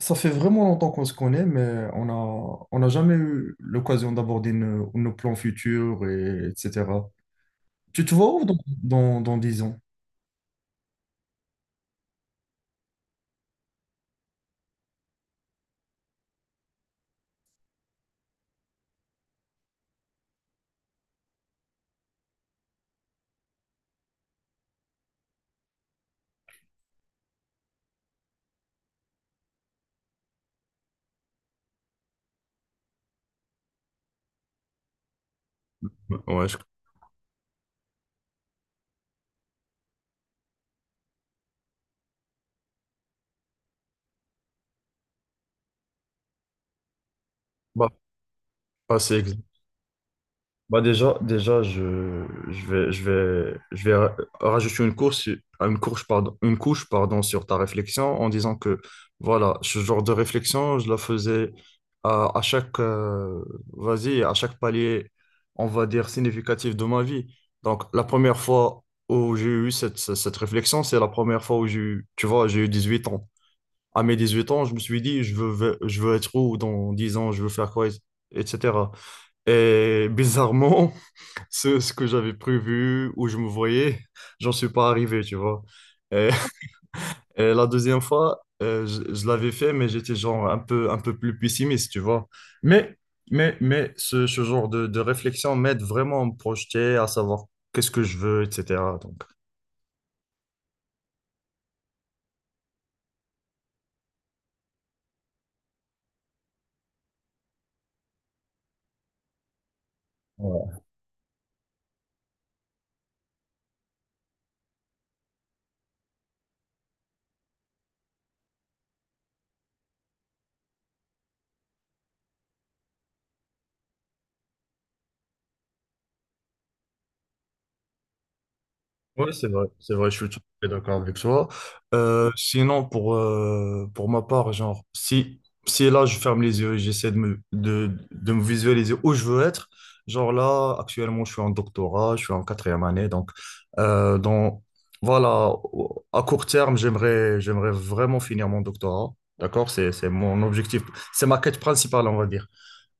Ça fait vraiment longtemps qu'on se connaît, mais on n'a jamais eu l'occasion d'aborder nos plans futurs, et, etc. Tu te vois où dans 10 ans? Ouais, je... bah, c'est. Bah déjà, déjà je vais, je vais, je vais ra- Rajouter une couche, sur ta réflexion en disant que voilà, ce genre de réflexion, je la faisais à chaque, vas-y, à chaque palier, on va dire, significatif de ma vie. Donc, la première fois où j'ai eu cette réflexion, c'est la première fois où j'ai eu, tu vois, j'ai eu 18 ans. À mes 18 ans, je me suis dit, je veux être où dans 10 ans, je veux faire quoi, etc. Et bizarrement, ce que j'avais prévu, où je me voyais, j'en suis pas arrivé, tu vois. Et, et la deuxième fois, je l'avais fait, mais j'étais genre un peu plus pessimiste, tu vois. Mais, mais ce genre de réflexion m'aide vraiment à me projeter, à savoir qu'est-ce que je veux, etc. Donc, ouais. Ouais, c'est vrai, je suis tout à fait d'accord avec toi. Sinon, pour ma part, genre, si, si là, je ferme les yeux et j'essaie de de me visualiser où je veux être, genre là, actuellement, je suis en doctorat, je suis en quatrième année, donc, euh, dans, voilà, au- à court terme, j'aimerais vraiment finir mon doctorat, d'accord? C'est mon objectif, c'est ma quête principale, on va dire.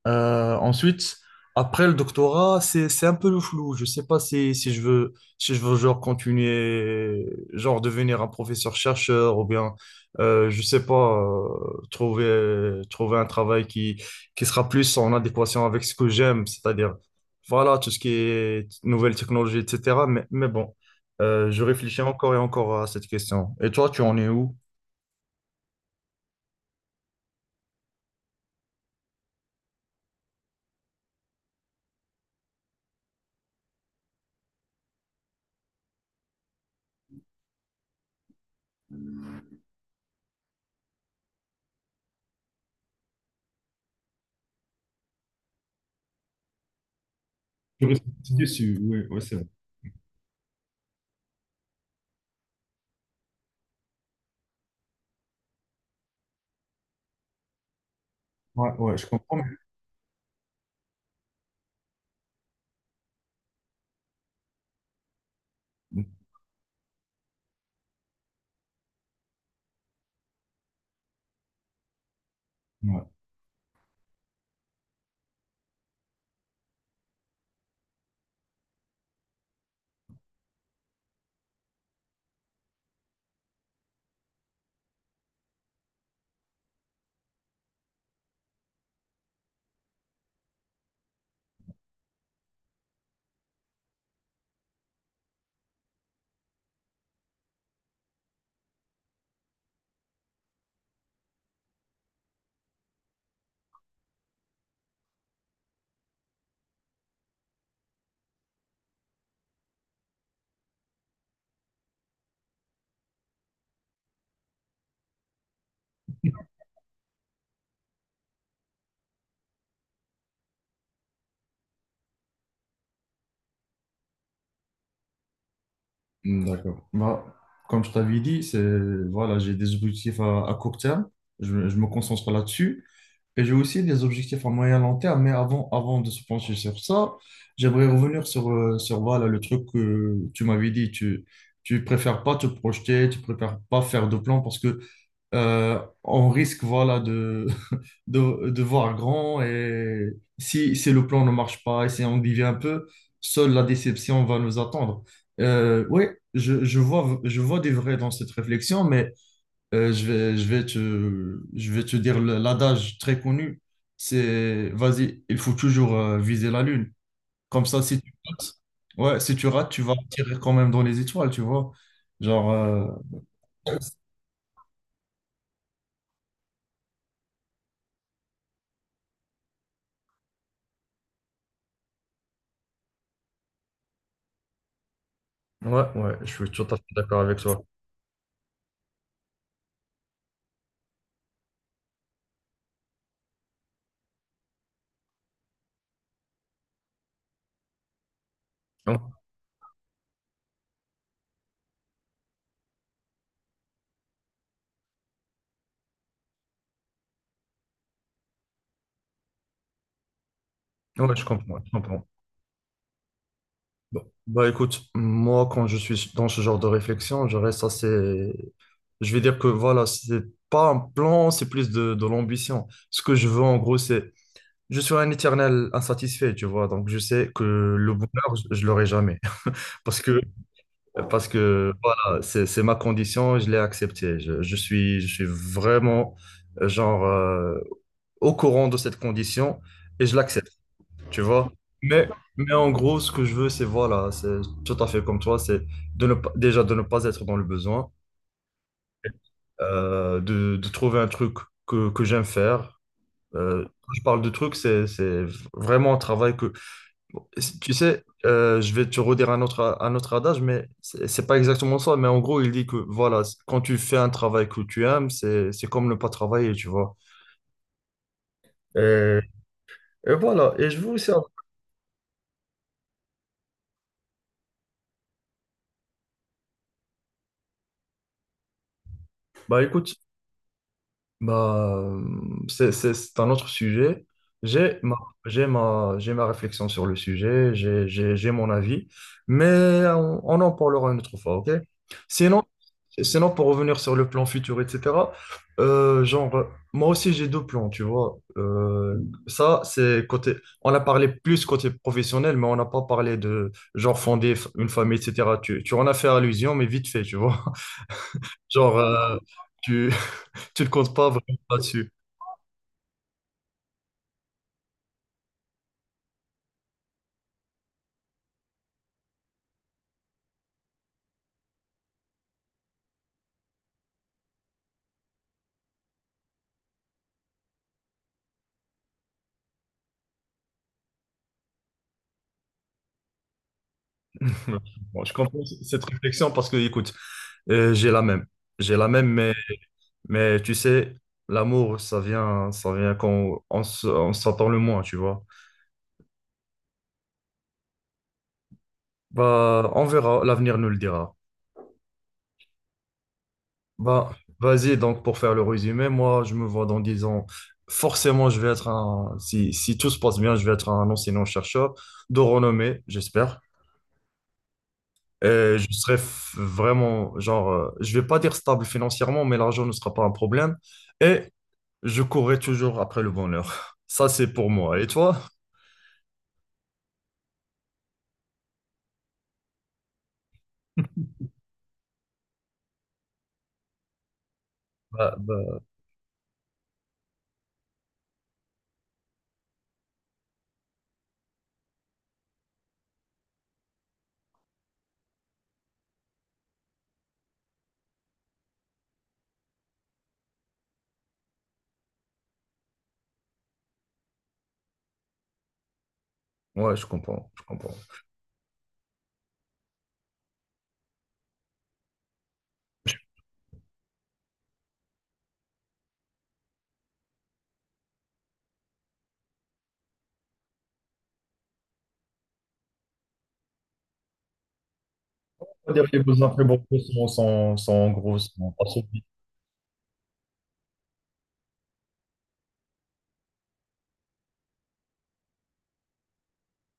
Ensuite, après le doctorat, c'est un peu le flou. Je sais pas si, si je veux genre continuer, genre devenir un professeur-chercheur ou bien, je sais pas, trouver un travail qui sera plus en adéquation avec ce que j'aime, c'est-à-dire, voilà, tout ce qui est nouvelles technologies, etc. Mais bon, je réfléchis encore et encore à cette question. Et toi, tu en es où? Je reste sur- ouais, ouais, c'est vrai. Ouais, ouais, je comprends. Mais- ouais. D'accord. Bah, comme je t'avais dit, c'est, voilà, j'ai des objectifs à court terme. Je me concentre là-dessus. Et j'ai aussi des objectifs à moyen long terme. Mais avant de se pencher sur ça, j'aimerais revenir sur voilà, le truc que tu m'avais dit. Tu préfères pas te projeter, tu préfères pas faire de plan parce que on risque voilà de, de voir grand et si, si le plan ne marche pas et si on divise un peu, seule la déception va nous attendre. Oui, je vois des vrais dans cette réflexion, mais je vais te dire le- l'adage très connu, c'est vas-y, il faut toujours viser la lune. Comme ça, si tu rates, ouais, si tu rates, tu vas tirer quand même dans les étoiles, tu vois. Genre, euh, Ouais, ouais, je suis tout à fait d'accord avec toi. Ouais, je comprends, je comprends. Bon. Bah écoute, moi quand je suis dans ce genre de réflexion, je reste assez... Je vais dire que voilà, c'est pas un plan, c'est plus de l'ambition. Ce que je veux en gros, c'est... Je suis un éternel insatisfait, tu vois, donc je sais que le bonheur, je l'aurai jamais. Parce que, parce que voilà, c'est ma condition, je l'ai acceptée. Je suis vraiment, euh, genre, euh, au courant de cette condition et je l'accepte. Tu vois? Mais, mais en gros, ce que je veux, c'est voilà, c'est tout à fait comme toi, c'est de ne pas, déjà de ne pas être dans le besoin, de trouver un truc que j'aime faire. Quand je parle de truc, c'est vraiment un travail que. Tu sais, je vais te redire un autre adage, mais c'est pas exactement ça. Mais en gros, il dit que voilà, quand tu fais un travail que tu aimes, c'est comme ne pas travailler, tu vois. Et, et voilà. Et je veux aussi. Bah écoute. Bah, euh, c'est un autre sujet. J'ai ma, j'ai ma réflexion sur le sujet, j'ai mon avis, mais on en parlera une autre fois, ok? Sinon, Sinon, pour revenir sur le plan futur, etc., euh, genre, moi aussi j'ai deux plans, tu vois. Ça, c'est côté, on a parlé plus côté professionnel, mais on n'a pas parlé de, genre, fonder une famille, etc. Tu en as fait allusion, mais vite fait, tu vois. Genre, euh, tu, tu ne comptes pas vraiment là-dessus. Ouais. Bon, je comprends cette réflexion parce que, écoute, j'ai la même. J'ai la même, mais tu sais, l'amour, ça vient quand on, s- on s'attend le moins, tu vois. Bah, on verra, l'avenir nous le dira. Bah, vas-y, donc, pour faire le résumé, moi, je me vois dans 10 ans. Forcément, je vais être un, si, si tout se passe bien, je vais être un enseignant-chercheur de renommée, j'espère. Et je serai f- vraiment, je vais pas dire stable financièrement, mais l'argent ne sera pas un problème. Et je courrais toujours après le bonheur. Ça, c'est pour moi. Et toi? Bah, bah, ouais, je comprends. Je comprends. On va dire que les besoins prémoraux sont en gros sont assombris.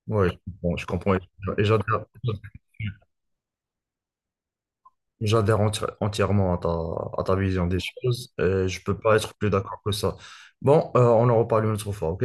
Ouais, je comprends. Je comprends. Et j'adhère, j'adhère enti- entièrement à à ta vision des choses. Et je peux pas être plus d'accord que ça. Bon, on en reparle une autre fois, ok?